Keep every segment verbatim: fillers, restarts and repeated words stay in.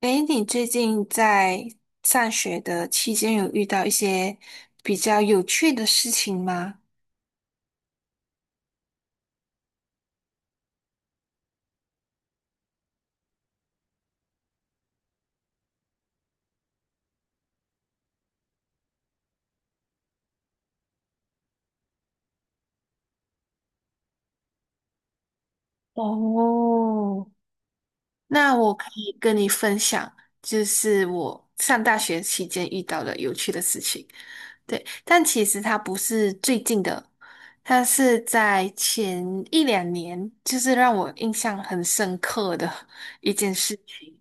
诶，你最近在上学的期间有遇到一些比较有趣的事情吗？哦，那我可以跟你分享，就是我上大学期间遇到的有趣的事情。对，但其实它不是最近的，它是在前一两年，就是让我印象很深刻的一件事情。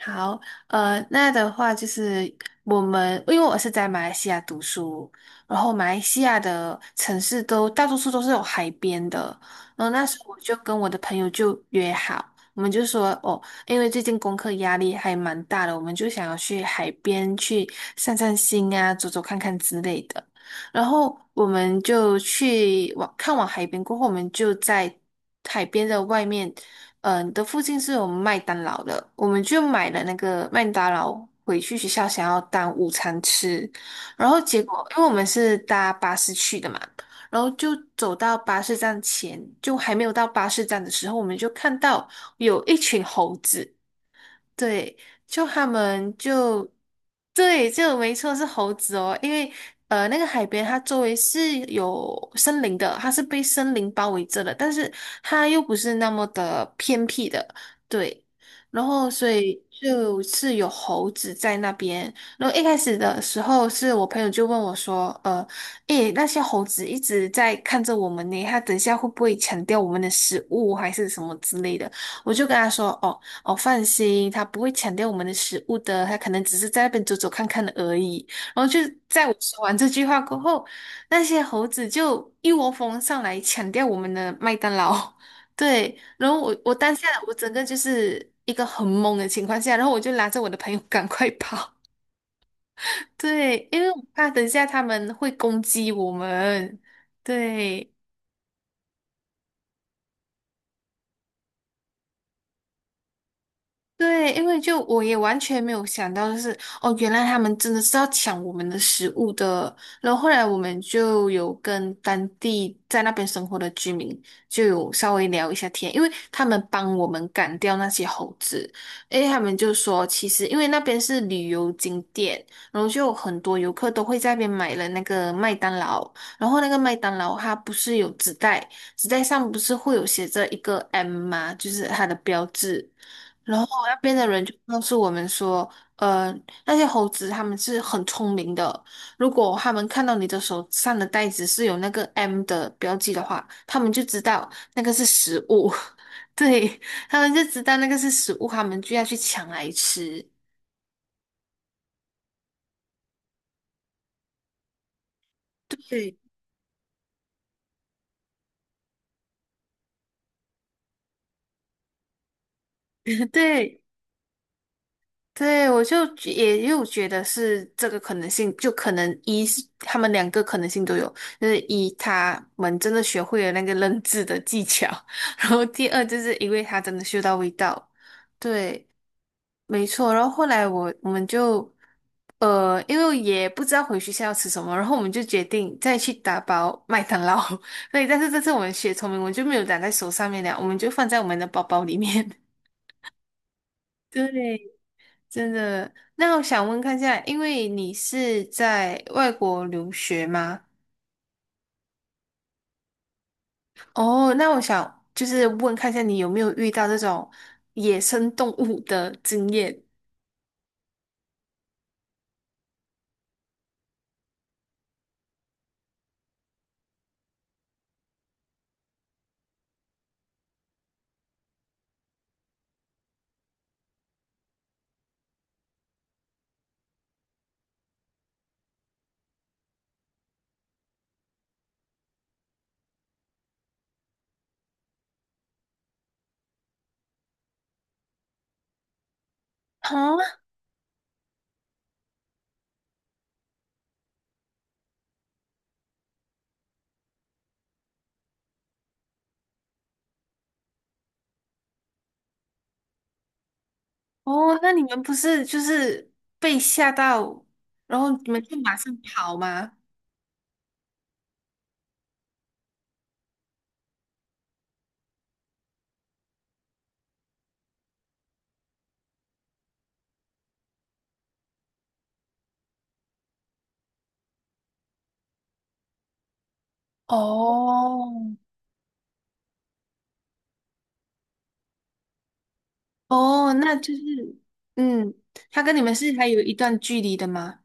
好，呃，那的话就是我们，因为我是在马来西亚读书，然后马来西亚的城市都大多数都是有海边的，然后那时候我就跟我的朋友就约好，我们就说哦，因为最近功课压力还蛮大的，我们就想要去海边去散散心啊，走走看看之类的。然后我们就去往看完海边过后，我们就在海边的外面，嗯、的附近是有麦当劳的，我们就买了那个麦当劳回去学校想要当午餐吃。然后结果，因为我们是搭巴士去的嘛，然后就走到巴士站前，就还没有到巴士站的时候，我们就看到有一群猴子，对，就他们就对，就没错是猴子哦，因为呃，那个海边它周围是有森林的，它是被森林包围着的，但是它又不是那么的偏僻的，对，然后所以就是有猴子在那边，然后一开始的时候是我朋友就问我说，呃，诶，那些猴子一直在看着我们呢，它等一下会不会抢掉我们的食物还是什么之类的？我就跟他说，哦。哦，放心，他不会抢掉我们的食物的，他可能只是在那边走走看看的而已。然后就在我说完这句话过后，那些猴子就一窝蜂上来抢掉我们的麦当劳。对，然后我我当下我整个就是一个很懵的情况下，然后我就拉着我的朋友 赶快跑。对，因为我怕等一下他们会攻击我们。对。对，因为就我也完全没有想到，就是哦，原来他们真的是要抢我们的食物的。然后后来我们就有跟当地在那边生活的居民就有稍微聊一下天，因为他们帮我们赶掉那些猴子。诶，他们就说，其实因为那边是旅游景点，然后就有很多游客都会在那边买了那个麦当劳，然后那个麦当劳它不是有纸袋，纸袋上不是会有写着一个 M 吗？就是它的标志。然后那边的人就告诉我们说，呃，那些猴子他们是很聪明的，如果他们看到你的手上的袋子是有那个 M 的标记的话，他们就知道那个是食物，对，他们就知道那个是食物，他们就要去抢来吃。对 对，对，我就觉也又觉得是这个可能性，就可能一是他们两个可能性都有，就是一他们真的学会了那个认字的技巧，然后第二就是因为他真的嗅到味道，对，没错。然后后来我我们就呃，因为也不知道回学校要吃什么，然后我们就决定再去打包麦当劳。对，但是这次我们学聪明，我们就没有打在手上面了，我们就放在我们的包包里面。对，真的，那我想问看一下，因为你是在外国留学吗？哦，那我想就是问看一下，你有没有遇到这种野生动物的经验？啊，哦，那你们不是就是被吓到，然后你们就马上跑吗？哦，哦，那就是，嗯，他跟你们是还有一段距离的吗？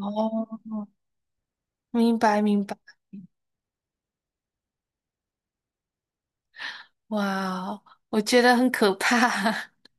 哦，明白明白，哇哦，我觉得很可怕。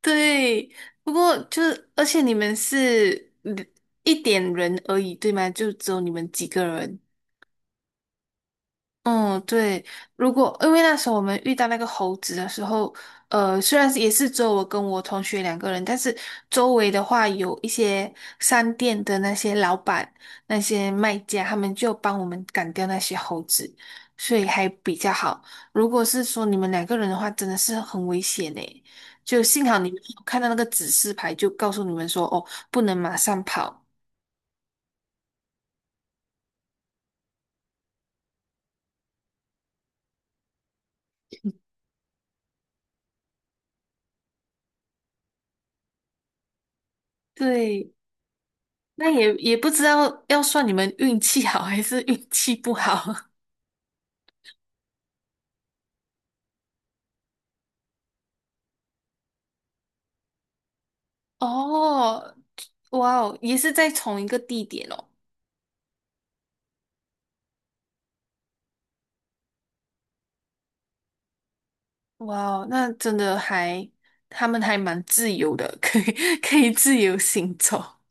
对，不过就是，而且你们是嗯一点人而已，对吗？就只有你们几个人。嗯，对，如果因为那时候我们遇到那个猴子的时候，呃，虽然是也是只有我跟我同学两个人，但是周围的话有一些商店的那些老板、那些卖家，他们就帮我们赶掉那些猴子，所以还比较好。如果是说你们两个人的话，真的是很危险诶，就幸好你们有看到那个指示牌，就告诉你们说，哦，不能马上跑。对。那也也不知道要算你们运气好还是运气不好 哦。哇哦，也是在同一个地点哦。哇哦，那真的还，他们还蛮自由的，可以 可以自由行走。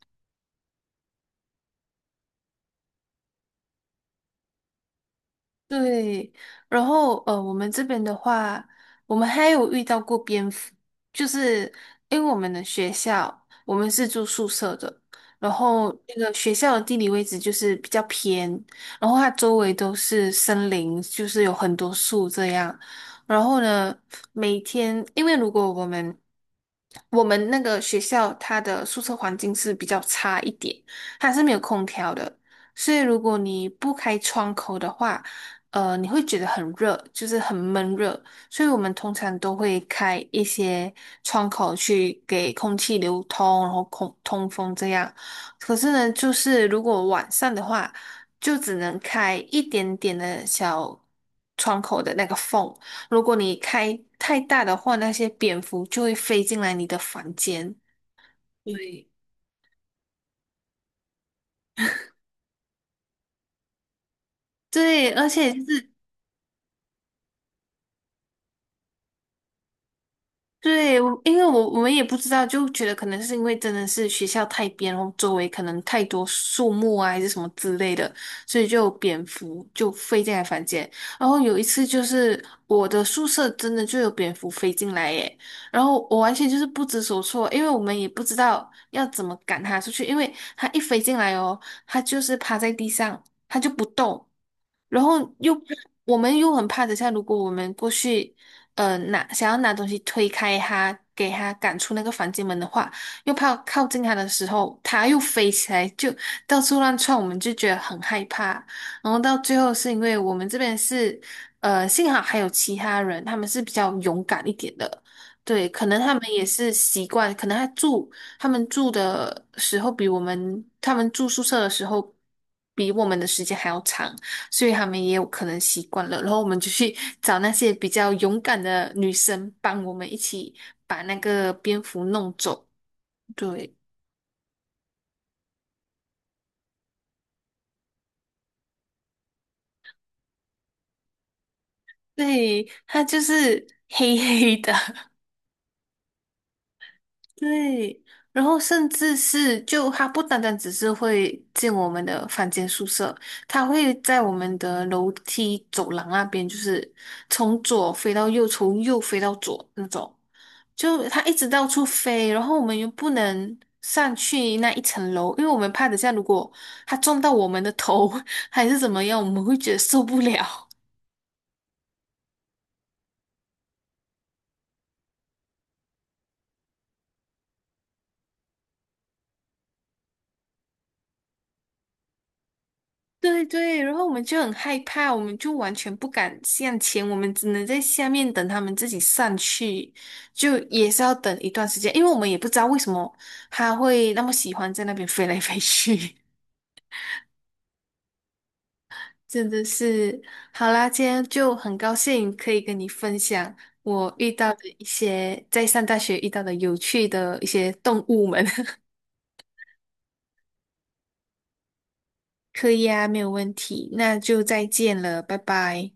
对，然后呃，我们这边的话，我们还有遇到过蝙蝠，就是因为我们的学校，我们是住宿舍的，然后那个学校的地理位置就是比较偏，然后它周围都是森林，就是有很多树这样。然后呢，每天因为如果我们我们那个学校它的宿舍环境是比较差一点，它是没有空调的。所以，如果你不开窗口的话，呃，你会觉得很热，就是很闷热，所以我们通常都会开一些窗口去给空气流通，然后空通风这样。可是呢，就是如果晚上的话，就只能开一点点的小窗口的那个缝。如果你开太大的话，那些蝙蝠就会飞进来你的房间。对对，而且就是。对，我因为我我们也不知道，就觉得可能是因为真的是学校太边，然后周围可能太多树木啊，还是什么之类的，所以就有蝙蝠就飞进来房间。然后有一次就是我的宿舍真的就有蝙蝠飞进来耶，然后我完全就是不知所措，因为我们也不知道要怎么赶它出去，因为它一飞进来哦，它就是趴在地上，它就不动。然后又我们又很怕，等下如果我们过去，呃，拿想要拿东西推开他，给他赶出那个房间门的话，又怕靠近他的时候，他又飞起来，就到处乱窜，我们就觉得很害怕。然后到最后是因为我们这边是，呃，幸好还有其他人，他们是比较勇敢一点的。对，可能他们也是习惯，可能他住他们住的时候比我们他们住宿舍的时候比我们的时间还要长，所以他们也有可能习惯了。然后我们就去找那些比较勇敢的女生，帮我们一起把那个蝙蝠弄走。对，对，它就是黑黑的，对，然后甚至是就它不单单只是会进我们的房间宿舍，它会在我们的楼梯走廊那边，就是从左飞到右，从右飞到左那种，就它一直到处飞，然后我们又不能上去那一层楼，因为我们怕等下如果它撞到我们的头 还是怎么样，我们会觉得受不了。对对，然后我们就很害怕，我们就完全不敢向前，我们只能在下面等他们自己上去，就也是要等一段时间，因为我们也不知道为什么他会那么喜欢在那边飞来飞去，真的是。好啦，今天就很高兴可以跟你分享我遇到的一些在上大学遇到的有趣的一些动物们。可以啊，没有问题，那就再见了，拜拜。